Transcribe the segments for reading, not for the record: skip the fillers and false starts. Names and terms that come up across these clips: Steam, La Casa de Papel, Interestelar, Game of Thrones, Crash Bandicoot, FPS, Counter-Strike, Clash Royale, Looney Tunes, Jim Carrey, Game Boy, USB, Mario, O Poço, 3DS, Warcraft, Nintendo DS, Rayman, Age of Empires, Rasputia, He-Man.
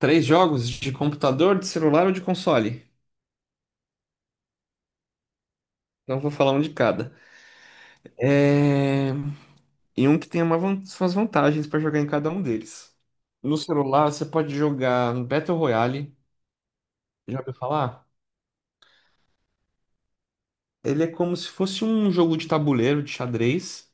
Três jogos de computador, de celular ou de console. Então vou falar um de cada. É... E um que tem uma suas vantagens para jogar em cada um deles. No celular você pode jogar no Battle Royale. Já ouviu falar? Ele é como se fosse um jogo de tabuleiro, de xadrez.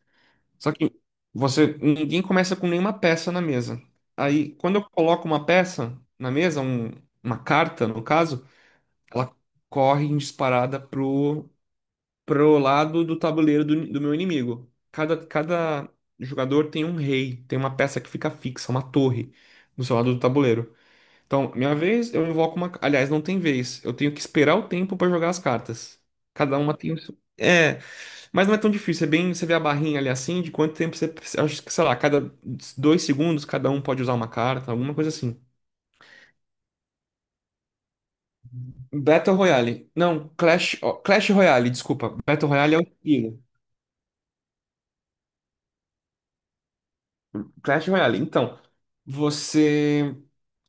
Só que você ninguém começa com nenhuma peça na mesa. Aí quando eu coloco uma peça na mesa, uma carta no caso, ela corre em disparada pro lado do tabuleiro do meu inimigo. Cada jogador tem um rei, tem uma peça que fica fixa, uma torre, do seu lado do tabuleiro. Então, minha vez, eu invoco uma. Aliás, não tem vez. Eu tenho que esperar o tempo para jogar as cartas. Cada uma tem o seu. É, mas não é tão difícil. É bem. Você vê a barrinha ali assim, de quanto tempo você acho que, sei lá, cada 2 segundos cada um pode usar uma carta, alguma coisa assim. Battle Royale. Não, Clash. Ó, Clash Royale, desculpa. Battle Royale é o estilo. Clash Royale. Então, você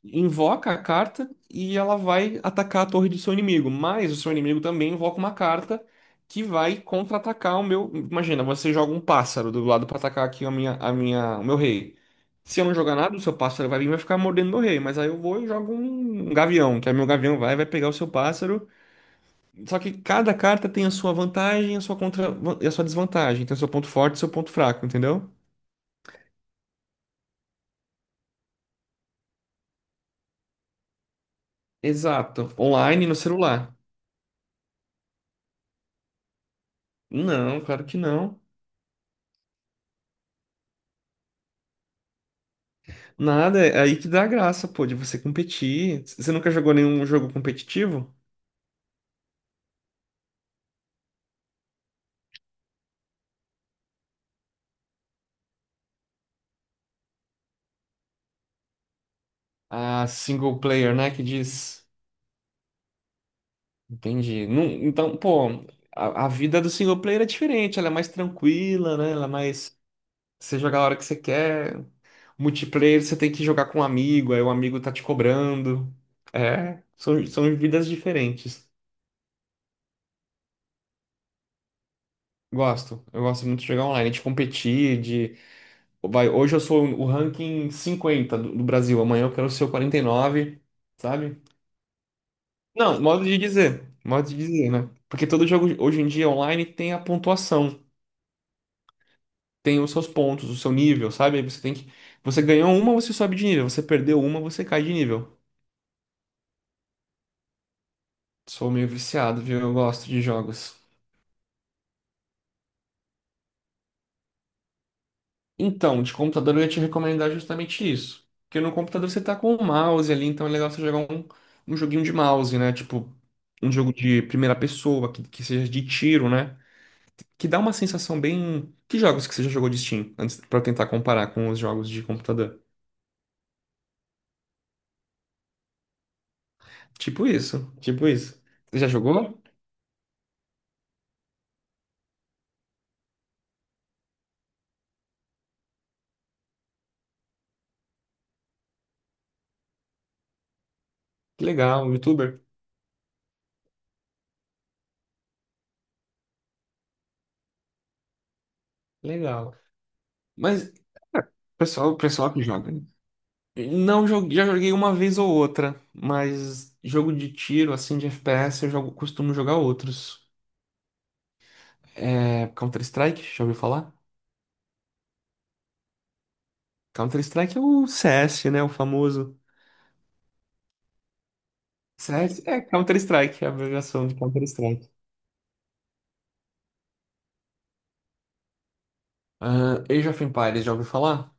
invoca a carta e ela vai atacar a torre do seu inimigo, mas o seu inimigo também invoca uma carta que vai contra-atacar o meu. Imagina, você joga um pássaro do lado para atacar aqui a minha, o meu rei. Se eu não jogar nada, o seu pássaro vai vir e vai ficar mordendo meu rei, mas aí eu vou e jogo um gavião, que aí meu gavião vai pegar o seu pássaro. Só que cada carta tem a sua vantagem, a sua contra e a sua desvantagem, tem o seu ponto forte e o seu ponto fraco, entendeu? Exato, online e no celular. Não, claro que não. Nada, é aí que dá a graça, pô, de você competir. Você nunca jogou nenhum jogo competitivo? Ah, single player, né? Que diz. Entendi. Não, então, pô, a vida do single player é diferente, ela é mais tranquila, né? Ela é mais. Você joga a hora que você quer. Multiplayer, você tem que jogar com um amigo, aí o amigo tá te cobrando. É, são vidas diferentes. Gosto, eu gosto muito de jogar online, de competir. Vai, hoje eu sou o ranking 50 do Brasil, amanhã eu quero ser o 49, sabe? Não, modo de dizer, né? Porque todo jogo hoje em dia online tem a pontuação, tem os seus pontos, o seu nível, sabe? Aí você tem você ganhou uma, você sobe de nível, você perdeu uma, você cai de nível. Sou meio viciado, viu? Eu gosto de jogos. Então, de computador eu ia te recomendar justamente isso. Porque no computador você tá com o mouse ali, então é legal você jogar um joguinho de mouse, né? Tipo, um jogo de primeira pessoa, que seja de tiro, né? Que dá uma sensação bem. Que jogos que você já jogou de Steam? Antes, pra eu tentar comparar com os jogos de computador. Tipo isso, tipo isso. Você já jogou? Que legal, um youtuber? Legal. Mas, pessoal, o pessoal que joga. Não joguei, já joguei uma vez ou outra, mas jogo de tiro, assim, de FPS, eu costumo jogar outros. É, Counter-Strike, já ouviu falar? Counter-Strike é o CS, né? O famoso. CS é Counter-Strike, é a abreviação de Counter-Strike. Ah, Age of Empires, já ouviu falar?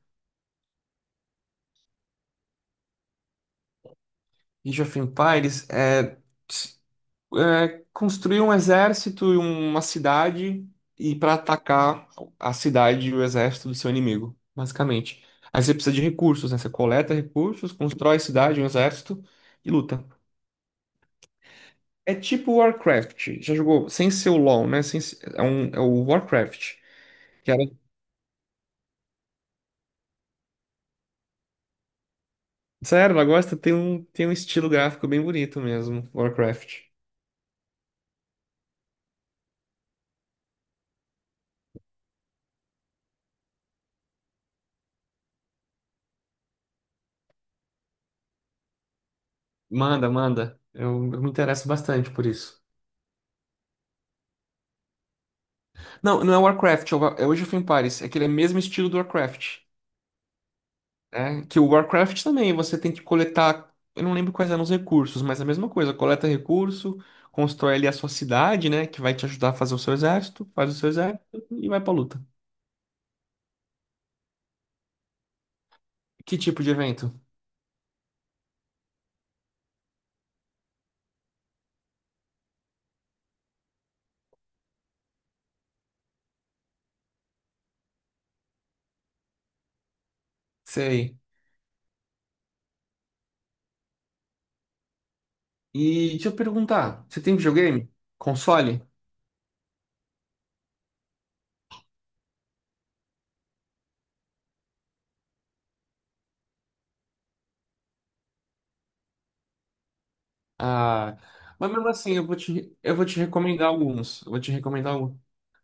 Age of Empires é. É, construir um exército e uma cidade e para atacar a cidade e o exército do seu inimigo, basicamente. Aí você precisa de recursos, né? Você coleta recursos, constrói cidade, um exército e luta. É tipo Warcraft. Já jogou sem ser o LoL, né? Sem, ser- é, um, é o Warcraft. Que era, sério, ela gosta, tem um estilo gráfico bem bonito mesmo, Warcraft. Manda, manda. Eu me interesso bastante por isso. Não, não é Warcraft, é Age of Empires. É aquele mesmo estilo do Warcraft. É, que o Warcraft também, você tem que coletar, eu não lembro quais eram os recursos, mas é a mesma coisa, coleta recurso, constrói ali a sua cidade, né, que vai te ajudar a fazer o seu exército, faz o seu exército e vai pra luta. Que tipo de evento? Sei. E deixa eu perguntar, você tem videogame? Console? Ah, mas mesmo assim, eu vou te recomendar alguns, eu vou te recomendar alguns.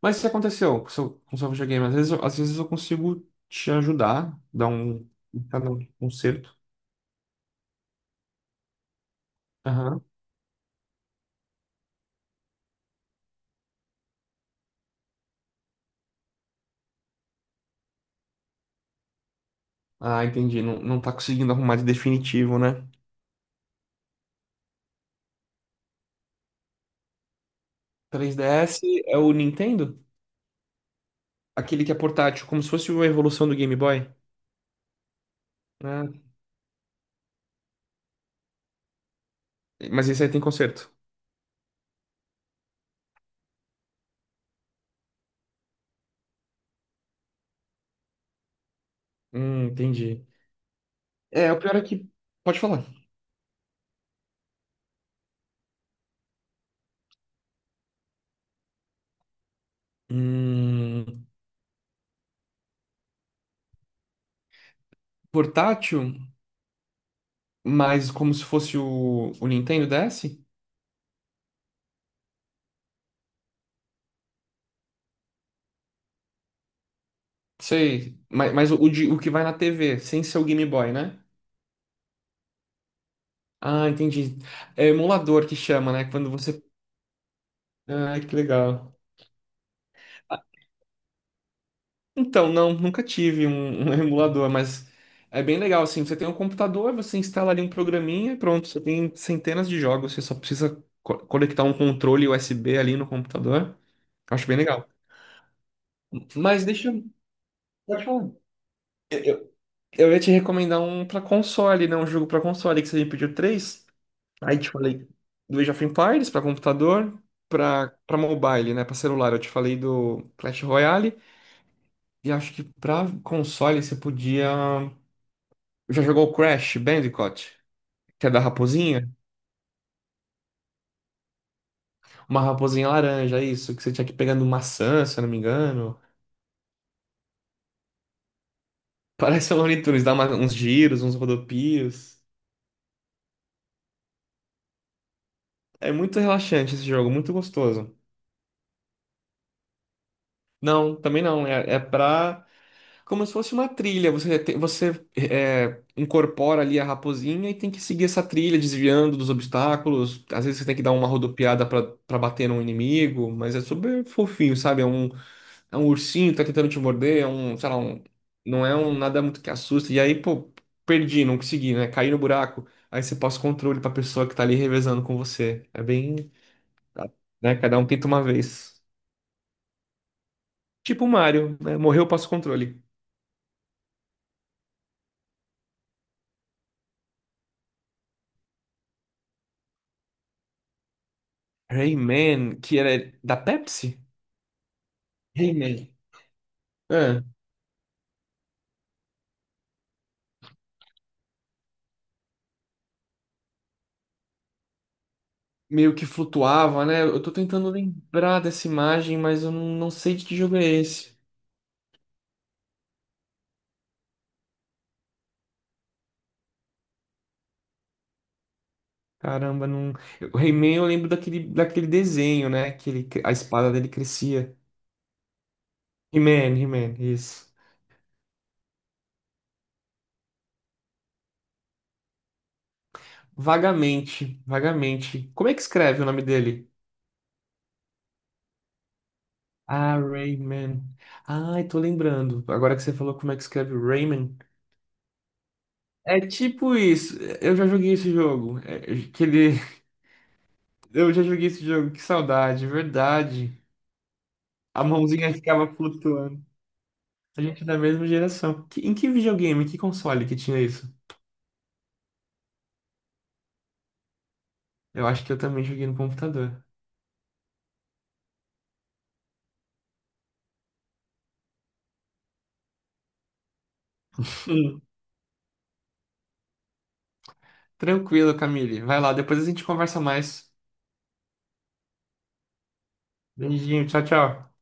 Mas o que aconteceu com o com o seu videogame? Às vezes, às vezes eu consigo te ajudar, dar um conserto. Ah, entendi. Não, não tá conseguindo arrumar de definitivo, né? 3DS é o Nintendo? Aquele que é portátil, como se fosse uma evolução do Game Boy. Ah, mas esse aí tem conserto. Entendi. É, o pior é que. Pode falar. Hum, portátil, mas como se fosse o Nintendo DS? Sei. Mas o que vai na TV, sem ser o Game Boy, né? Ah, entendi. É emulador que chama, né? Quando você. Ah, que legal. Então, não, nunca tive um emulador, mas é bem legal, assim, você tem um computador, você instala ali um programinha e pronto, você tem centenas de jogos, você só precisa conectar um controle USB ali no computador. Acho bem legal. Mas deixa eu... Pode falar. Eu, eu- eu ia te recomendar um pra console, né? Um jogo pra console, que você me pediu três. Aí te falei do Age of Empires pra computador, pra para mobile, né? Pra celular, eu te falei do Clash Royale. E acho que pra console você podia. Já jogou Crash Bandicoot? Que é da raposinha? Uma raposinha laranja, isso. Que você tinha que ir pegando maçã, se eu não me engano. Parece o Looney Tunes, dá uns giros, uns rodopios. É muito relaxante esse jogo, muito gostoso. Não, também não. É, é pra. Como se fosse uma trilha. Você incorpora ali a raposinha e tem que seguir essa trilha, desviando dos obstáculos. Às vezes você tem que dar uma rodopiada pra bater num inimigo, mas é super fofinho, sabe? É um ursinho que tá tentando te morder, não é um nada muito que assusta. E aí, pô, perdi, não consegui, né? Caí no buraco. Aí você passa o controle pra pessoa que tá ali revezando com você. É bem, né? Cada um tenta uma vez. Tipo o Mario, né? Morreu, passa o controle. Rayman, que era da Pepsi? Rayman. É, meio que flutuava, né? Eu tô tentando lembrar dessa imagem, mas eu não sei de que jogo é esse. Caramba, não. O He-Man eu lembro daquele, daquele desenho, né? Que ele, a espada dele crescia. He-Man, He-Man, isso. Vagamente, vagamente. Como é que escreve o nome dele? Ah, Rayman. Ai, tô lembrando. Agora que você falou como é que escreve Rayman. É tipo isso. Eu já joguei esse jogo. Que ele... Eu já joguei esse jogo. Que saudade, verdade. A mãozinha ficava flutuando. A gente é da mesma geração. Em que videogame, que console que tinha isso? Eu acho que eu também joguei no computador. Hum. Tranquilo, Camille. Vai lá, depois a gente conversa mais. Beijinho, tchau, tchau.